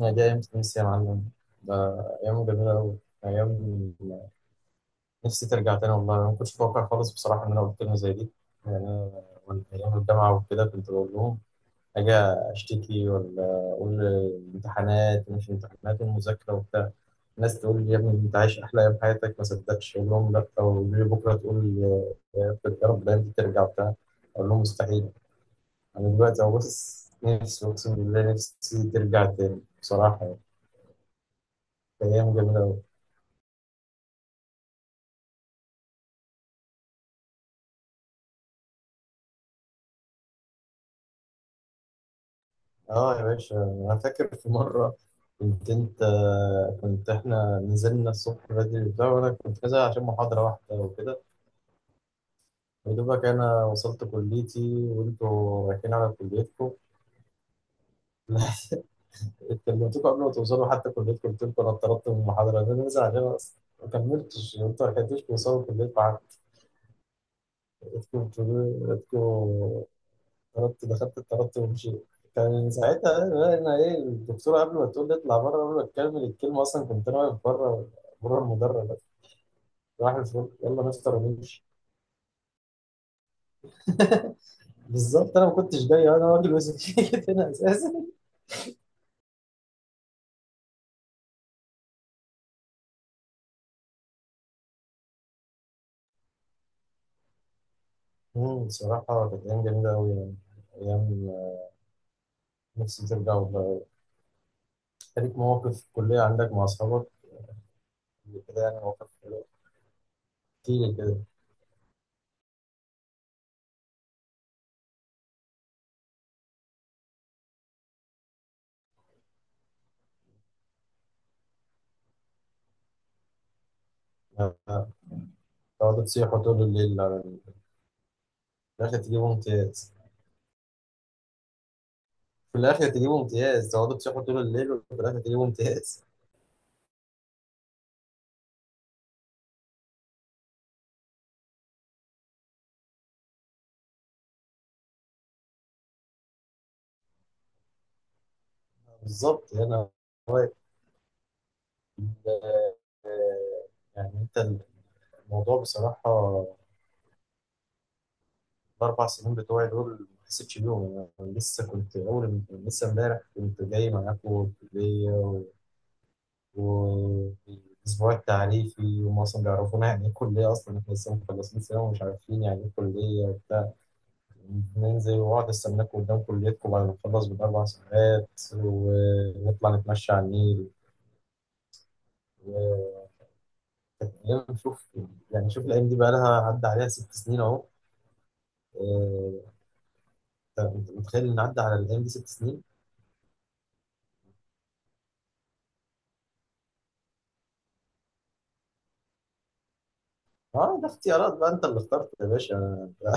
أنا جاي أيام تونس يا معلم، ده أيام جميلة أوي، أيام نفسي ترجع تاني. والله أنا ما كنتش متوقع خالص بصراحة إن أنا قلت لهم زي دي. يعني أنا وأنا أيام الجامعة وكده كنت بقول لهم أجي أشتكي، ولا أقول الامتحانات ومش الامتحانات والمذاكرة وبتاع. الناس تقول لي يا ابني أنت عايش أحلى أيام حياتك، ما صدقتش أقول لهم لأ، ويقولوا لي بكرة تقول يا رب يا رب الأيام دي ترجع وبتاع. أقول لهم مستحيل. أنا دلوقتي أبص نفسي، أقسم بالله نفسي ترجع تاني بصراحة يعني. أيام جميلة أوي. اه يا باشا، انا فاكر في مره كنت انت كنت احنا نزلنا الصبح بدري وبتاع، وانا كنت نازل عشان محاضره واحده وكده. يا دوبك انا وصلت كليتي وانتوا رايحين على كليتكم. كلمتكم قبل ما توصلوا حتى كليتكم، قلت لكم انا اتطردت من المحاضره، انا نازل عشان أصلاً ما كملتش، انتوا ما لحقتوش توصلوا كليتكم حتى. انتوا طردت دخلت اتطردت ومشيت. كان ساعتها أنا ايه الدكتوره، قبل ما تقول لي اطلع بره، قبل ما تكمل الكلمه اصلا كنت انا واقف بره، بره المدرج. راح الفل يلا نفطر ونمشي. بالظبط انا ما كنتش جاي، انا راجل وسكيت هنا اساسا. بصراحه كانت ايام جميله قوي يعني. ايام نفسي ترجع والله. ليك مواقف في الكليه عندك مع اصحابك اللي كده يعني، مواقف حلوة. احكي لي كده. آه، آه. تقعدوا تصيحوا طول الليل على في الاخر تجيبوا امتياز. في الاخر تجيبوا امتياز، تقعدوا تصيحوا طول الليل وفي الاخر تجيبوا امتياز. بالظبط هنا. هو ال- يعني الموضوع بصراحه، الاربع سنين بتوعي دول ما حسيتش بيهم انا. يعني لسه امبارح كنت جاي معاكم الكليه و الاسبوع التعريفي، وهم اصلا بيعرفونا يعني ايه كليه، اصلا احنا لسه مخلصين ثانوي ومش عارفين يعني ايه كليه. ننزل واقعد استناك قدام كليتكم بعد ما نخلص بالأربع ساعات ونطلع نتمشى على النيل. وكان شوف، يعني شوف الأيام دي بقى لها عدى عليها 6 سنين أهو. آه، أنت متخيل إن عدى على الأيام دي 6 سنين؟ أه، ده اختيارات بقى، أنت اللي اخترت يا باشا.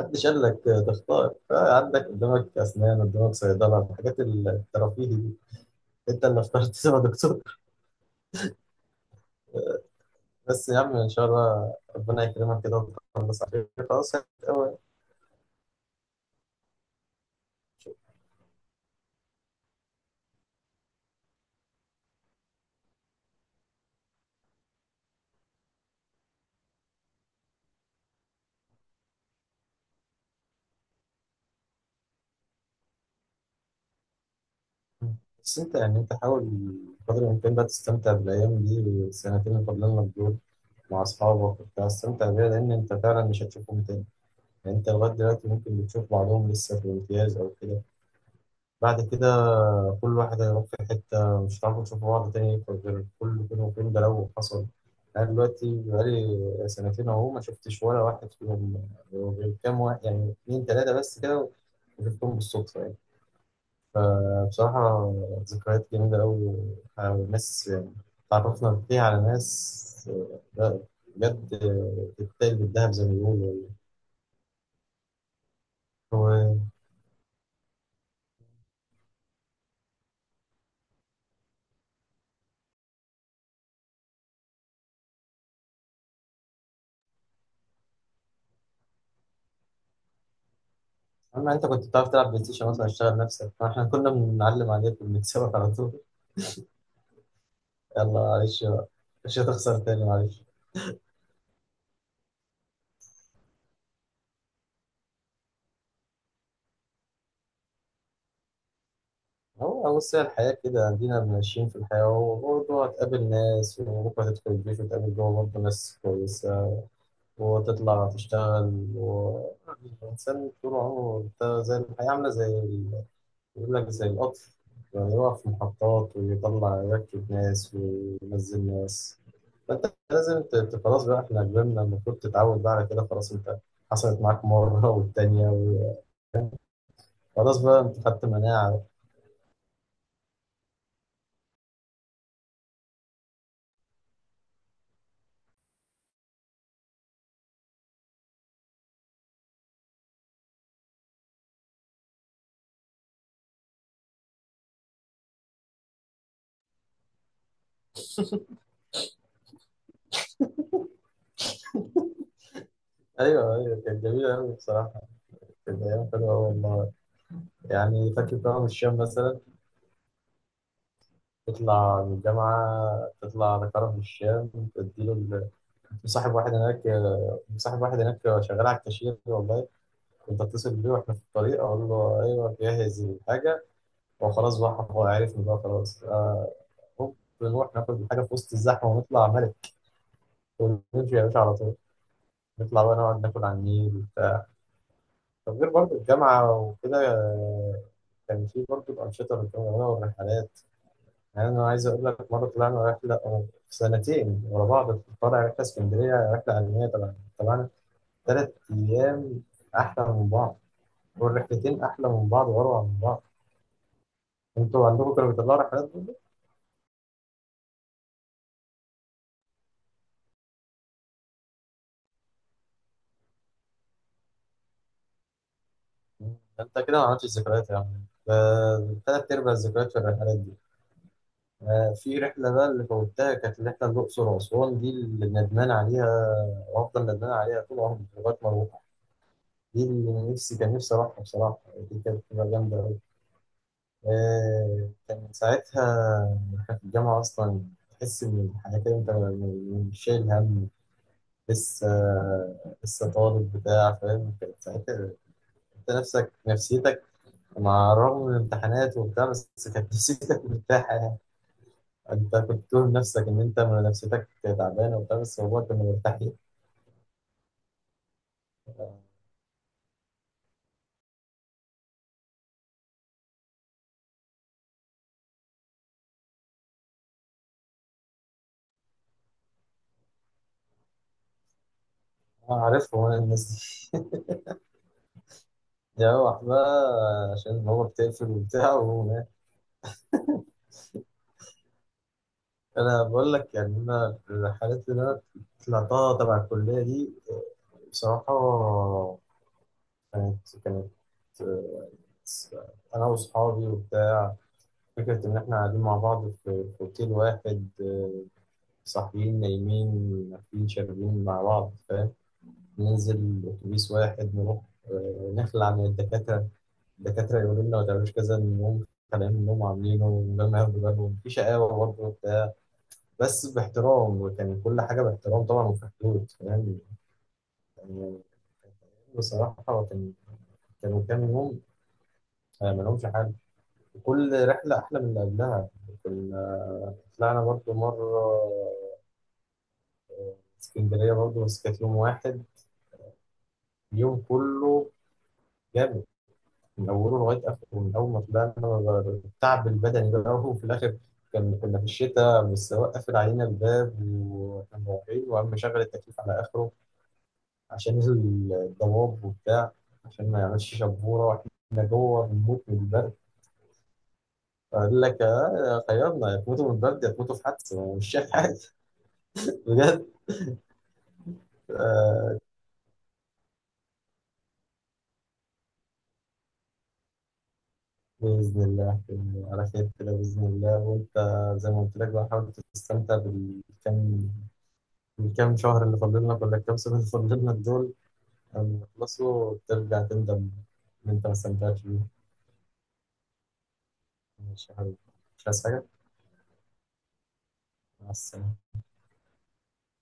محدش قال لك تختار. آه، عندك قدامك أسنان، قدامك صيدلة، الحاجات الترفيهي دي. أنت اللي اخترت تبقى دكتور. بس يا عم ان شاء الله ربنا يكرمك كده وتخلص عليك خلاص قوي. بس انت يعني انت حاول قدر الامكان بقى تستمتع بالايام دي، السنتين اللي فاضلين لك دول، مع اصحابك وبتاع. استمتع بيها، لان انت فعلا مش هتشوفهم تاني. يعني انت لغايه دلوقتي ممكن بتشوف بعضهم لسه في الامتياز او كده، بعد كده كل واحد هيروح في حتة، مش هتعرفوا تشوفوا بعض تاني غير كل فين وفين، ده لو حصل. أنا دلوقتي بقالي سنتين أهو، ما شفتش ولا واحد فيهم غير كام واحد، يعني اتنين تلاتة بس كده، وشفتهم بالصدفة يعني. فبصراحة ذكريات جميلة أوي، وناس تعرفنا فيها على ناس، لا، بجد، تتقل بالذهب زي ما بيقولوا يعني. و- أما أنت كنت بتعرف تلعب بلاي ستيشن مثلا اشتغل نفسك، فإحنا كنا بنعلم عليك وبنتسابق على طول، يلا معلش بقى. مش هتخسر تاني معلش. هو بص، هي الحياة كده، عندنا ماشيين في الحياة وبرضه هتقابل ناس، وبكرة هتدخل الجيش وتقابل جوه برضه ناس كويسة، وتطلع تشتغل يعني الإنسان طول عمره ده زي الحياة، عاملة زي بيقول لك زي القطر، يعني يقف في محطات ويطلع يركب ناس وينزل ناس. فأنت لازم خلاص بقى إحنا كبرنا، المفروض تتعود بقى على كده. خلاص أنت حصلت معاك مرة والتانية خلاص بقى انت خدت مناعة. ايوه ايوه، كانت جميله قوي بصراحه، كانت ايام حلوه أوي والله. يعني فاكر كرم الشام مثلا، تطلع من الجامعه تطلع لكرم الشام تديله كنت مصاحب واحد هناك، مصاحب واحد هناك شغال على الكاشير والله. كنت اتصل بيه واحنا في الطريق اقول له ايوه جهز الحاجه، وخلاص بقى هو عارفني بقى خلاص. هوب، نروح ناخد الحاجه في وسط الزحمه ونطلع ملك ونمشي يا باشا على طول، نطلع بقى نقعد ناكل على النيل. طب غير برضه الجامعة وكده، كان في برضه أنشطة بنكونها والرحلات. يعني أنا عايز أقول لك، مرة طلعنا رحلة، سنتين ورا بعض طالع رحلة اسكندرية، رحلة علمية طبعا طبعا، 3 أيام أحلى من بعض، والرحلتين أحلى من بعض وأروع من بعض. أنتوا عندكم كانوا بيطلعوا رحلات برضه؟ مم. أنت كده ما عملتش ذكريات يا عم، ده تلات أرباع الذكريات في الرحلات دي. في رحلة بقى اللي فوتها كانت الرحلة الأقصر وأسوان، دي اللي ندمان عليها وأفضل ندمان عليها طول عمري لغاية ما أروح. دي اللي نفسي كان نفسي أروحها بصراحة، دي كانت بتبقى جامدة أوي. كان ساعتها إحنا في الجامعة أصلا، تحس إن الحياة كده أنت مش شايل هم لسه لسه طالب بتاع، فاهم. كانت ساعتها أنت نفسك نفسيتك، مع الرغم من الامتحانات وبتاع، بس كانت نفسيتك مرتاحة يعني. أنت كنت تقول نفسك إن أنت نفسيتك تعبانة وبتاع، بس هو كان مرتاح ليه. أنا عارفهم أنا الناس دي. يروح بقى عشان هو بتقفل وبتاع. انا بقول لك يعني، انا الرحلات اللي انا طلعتها تبع الكليه دي، بصراحه كانت آه، انا واصحابي وبتاع، فكره ان احنا قاعدين مع بعض في اوتيل واحد، صاحيين نايمين واكلين شاربين مع بعض فاهم، ننزل اتوبيس واحد نروح، نخلع عن الدكاتره، الدكاتره يقولوا لنا ما تعملوش كذا، نقوم خالعين منهم عاملينه من غير ما ياخدوا بالهم، في شقاوه برضه بس باحترام، وكان كل حاجة باحترام طبعا وفي حدود فاهم. يعني بصراحة كانوا كام يوم ملهمش حل، كل رحلة أحلى من اللي قبلها. كنا طلعنا برضو مرة اسكندرية برضو بس كانت يوم واحد، اليوم كله جامد من أوله لغاية آخره. من أول ما طلعنا التعب البدني بقى وفي الآخر، كان كنا في الشتاء، والسواق قافل علينا الباب واحنا رايحين، وقام مشغل التكييف على آخره عشان نزل الضباب وبتاع، عشان ما يعملش شبورة، واحنا جوه بنموت من البرد. فقال لك آه، خيرنا يا تموتوا من البرد يا تموتوا في حادثة أنا مش شايف حاجة. بجد. آه بإذن الله كده، على خير كده بإذن الله. وأنت زي ما قلت لك بقى، حاول تستمتع بالكام، الكام شهر اللي فاضلنا ولا الكام سنة اللي فاضلنا دول، لما يخلصوا ترجع تندم إن أنت ما استمتعتش بيهم. ماشي يا حبيبي، مش عايز حاجة. مع السلامة.